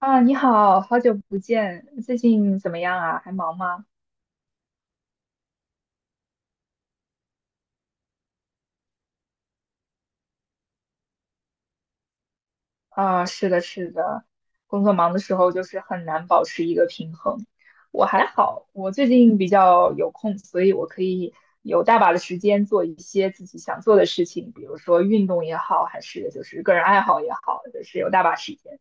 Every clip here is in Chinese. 啊，你好，好久不见，最近怎么样啊？还忙吗？啊，是的，是的，工作忙的时候就是很难保持一个平衡。我还好，我最近比较有空，所以我可以有大把的时间做一些自己想做的事情，比如说运动也好，还是就是个人爱好也好，就是有大把时间。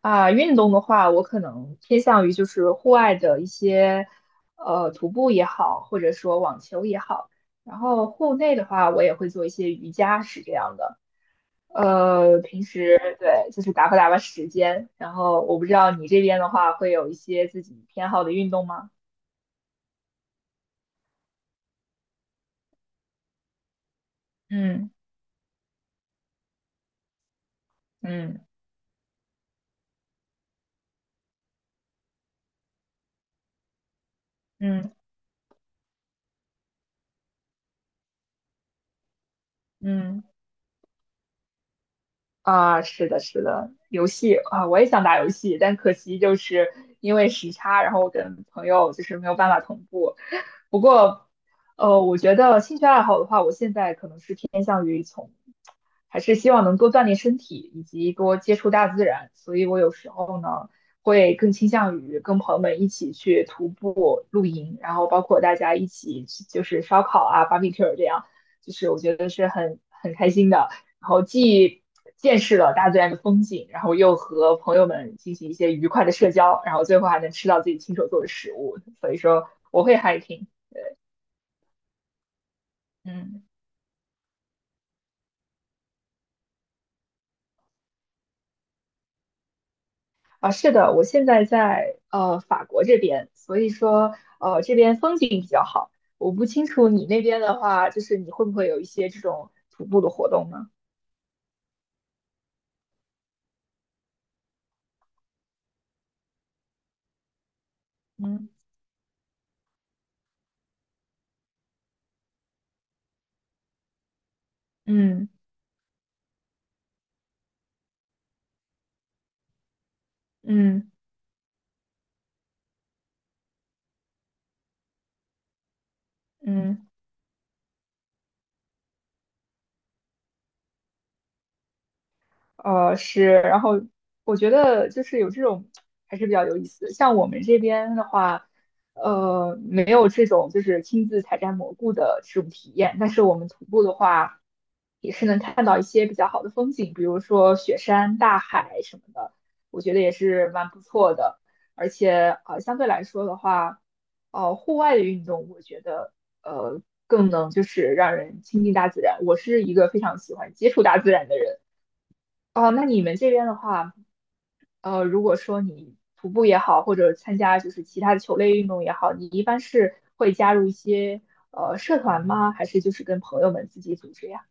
啊，运动的话，我可能偏向于就是户外的一些，徒步也好，或者说网球也好。然后户内的话，我也会做一些瑜伽，是这样的。平时对，就是打发打发时间。然后我不知道你这边的话，会有一些自己偏好的运动吗？嗯嗯嗯嗯。啊，是的，是的，游戏啊，我也想打游戏，但可惜就是因为时差，然后我跟朋友就是没有办法同步。不过，我觉得兴趣爱好的话，我现在可能是偏向于从，还是希望能多锻炼身体，以及多接触大自然。所以我有时候呢，会更倾向于跟朋友们一起去徒步、露营，然后包括大家一起去就是烧烤啊、barbecue 这样，就是我觉得是很开心的。然后既见识了大自然的风景，然后又和朋友们进行一些愉快的社交，然后最后还能吃到自己亲手做的食物，所以说我会 hiking。嗯，啊，是的，我现在在法国这边，所以说这边风景比较好。我不清楚你那边的话，就是你会不会有一些这种徒步的活动呢？嗯，嗯嗯嗯。是，然后我觉得就是有这种还是比较有意思的。像我们这边的话，没有这种就是亲自采摘蘑菇的这种体验，但是我们徒步的话，也是能看到一些比较好的风景，比如说雪山、大海什么的，我觉得也是蛮不错的。而且相对来说的话，户外的运动，我觉得呃，更能就是让人亲近大自然。我是一个非常喜欢接触大自然的人。哦，那你们这边的话，如果说你徒步也好，或者参加就是其他的球类运动也好，你一般是会加入一些社团吗？还是就是跟朋友们自己组织呀？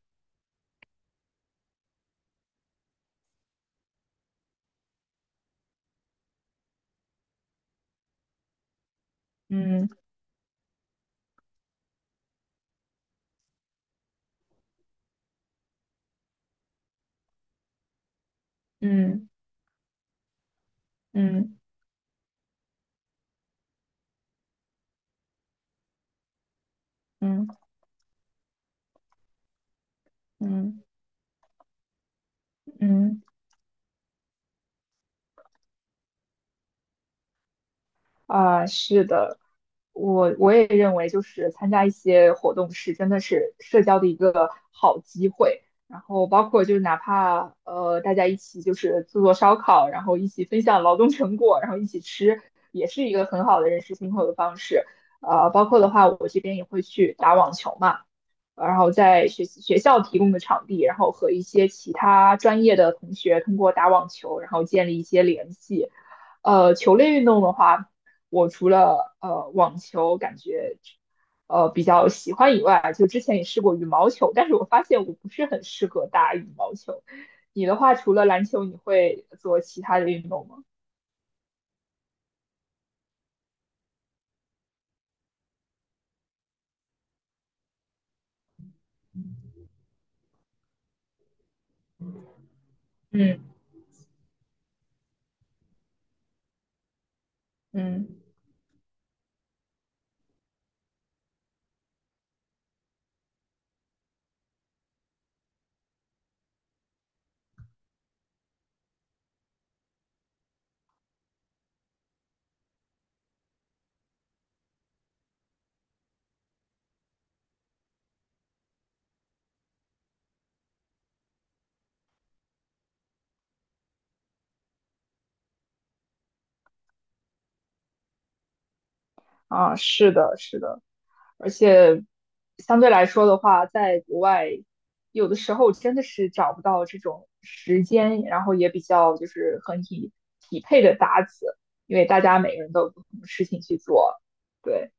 嗯嗯嗯嗯嗯嗯嗯。啊，是的，我也认为，就是参加一些活动是真的是社交的一个好机会。然后包括就是哪怕大家一起就是做做烧烤，然后一起分享劳动成果，然后一起吃，也是一个很好的认识新朋友的方式。包括的话，我这边也会去打网球嘛，然后在学习学校提供的场地，然后和一些其他专业的同学通过打网球，然后建立一些联系。呃，球类运动的话。我除了网球感觉比较喜欢以外，就之前也试过羽毛球，但是我发现我不是很适合打羽毛球。你的话，除了篮球，你会做其他的运动吗？嗯嗯啊，是的，是的，而且相对来说的话，在国外有的时候真的是找不到这种时间，然后也比较就是很匹配的搭子，因为大家每个人都有不同的事情去做。对。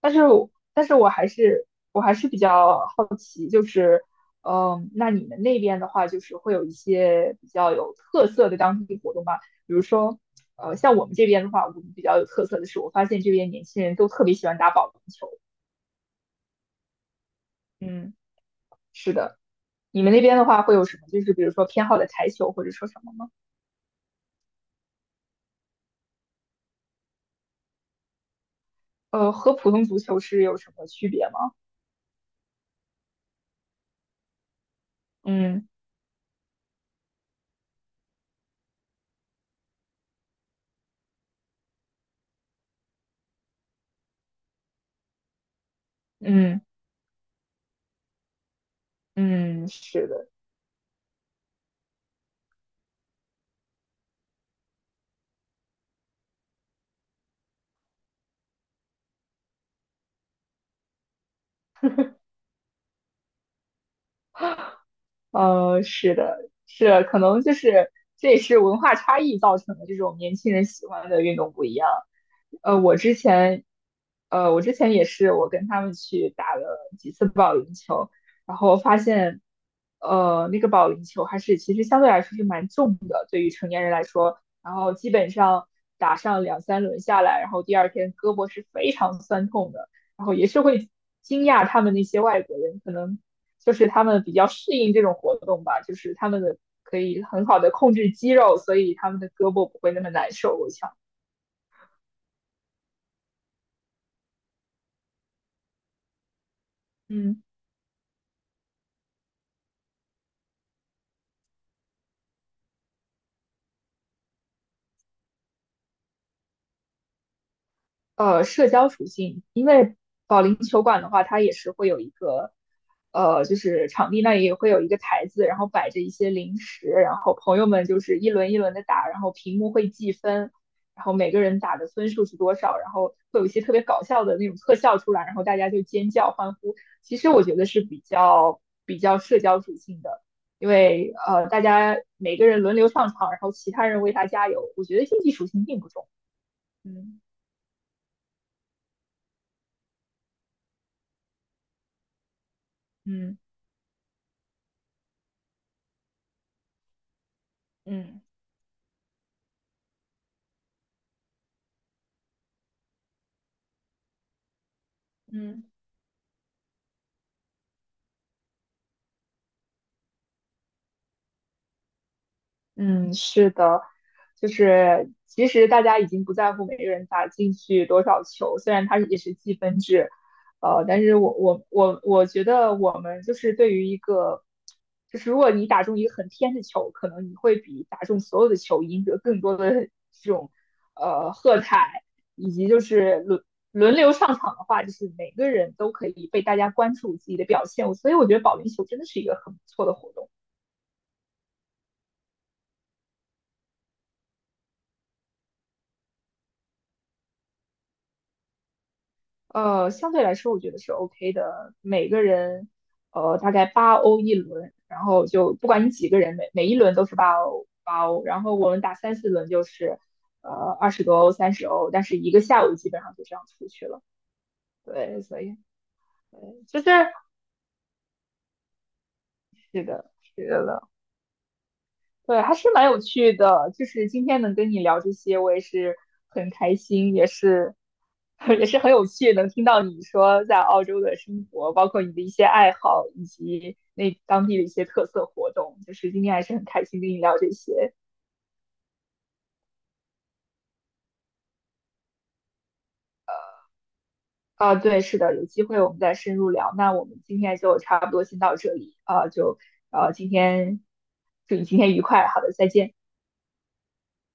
但是我还是还是比较好奇，就是，嗯，那你们那边的话，就是会有一些比较有特色的当地活动吗？比如说，像我们这边的话，我们比较有特色的是，我发现这边年轻人都特别喜欢打保龄球。嗯，是的，你们那边的话会有什么？就是比如说偏好的台球或者说什么吗？和普通足球是有什么区别吗？嗯嗯嗯，是的。是的，是，可能就是这也是文化差异造成的，这种年轻人喜欢的运动不一样。呃，我之前，我之前也是，我跟他们去打了几次保龄球，然后发现，那个保龄球还是其实相对来说是蛮重的，对于成年人来说，然后基本上打上两三轮下来，然后第二天胳膊是非常酸痛的，然后也是会惊讶他们那些外国人可能。就是他们比较适应这种活动吧，就是他们的可以很好的控制肌肉，所以他们的胳膊不会那么难受。我想，嗯。社交属性，因为保龄球馆的话，它也是会有一个就是场地那里也会有一个台子，然后摆着一些零食，然后朋友们就是一轮一轮的打，然后屏幕会计分，然后每个人打的分数是多少，然后会有一些特别搞笑的那种特效出来，然后大家就尖叫欢呼。其实我觉得是比较社交属性的。因为大家每个人轮流上场，然后其他人为他加油，我觉得竞技属性并不重。嗯嗯嗯。嗯嗯，是的，就是其实大家已经不在乎每个人打进去多少球，虽然它也是积分制，但是我觉得我们就是对于一个，就是如果你打中一个很偏的球，可能你会比打中所有的球赢得更多的 这种喝彩，以及就是轮流上场的话，就是每个人都可以被大家关注自己的表现，所以我觉得保龄球真的是一个很不错的活动。相对来说我觉得是 OK 的，每个人大概八欧一轮，然后就不管你几个人，每一轮都是八欧，然后我们打3、4轮就是呃20多欧30欧，但是一个下午基本上就这样出去了。对，所以对，就是是的，是的。对，还是蛮有趣的。就是今天能跟你聊这些，我也是很开心，也是 也是很有趣，能听到你说在澳洲的生活，包括你的一些爱好，以及那当地的一些特色活动。就是今天还是很开心跟你聊这些。啊，对，是的，有机会我们再深入聊。那我们今天就差不多先到这里啊，就啊，今天祝你今天愉快，好的，再见。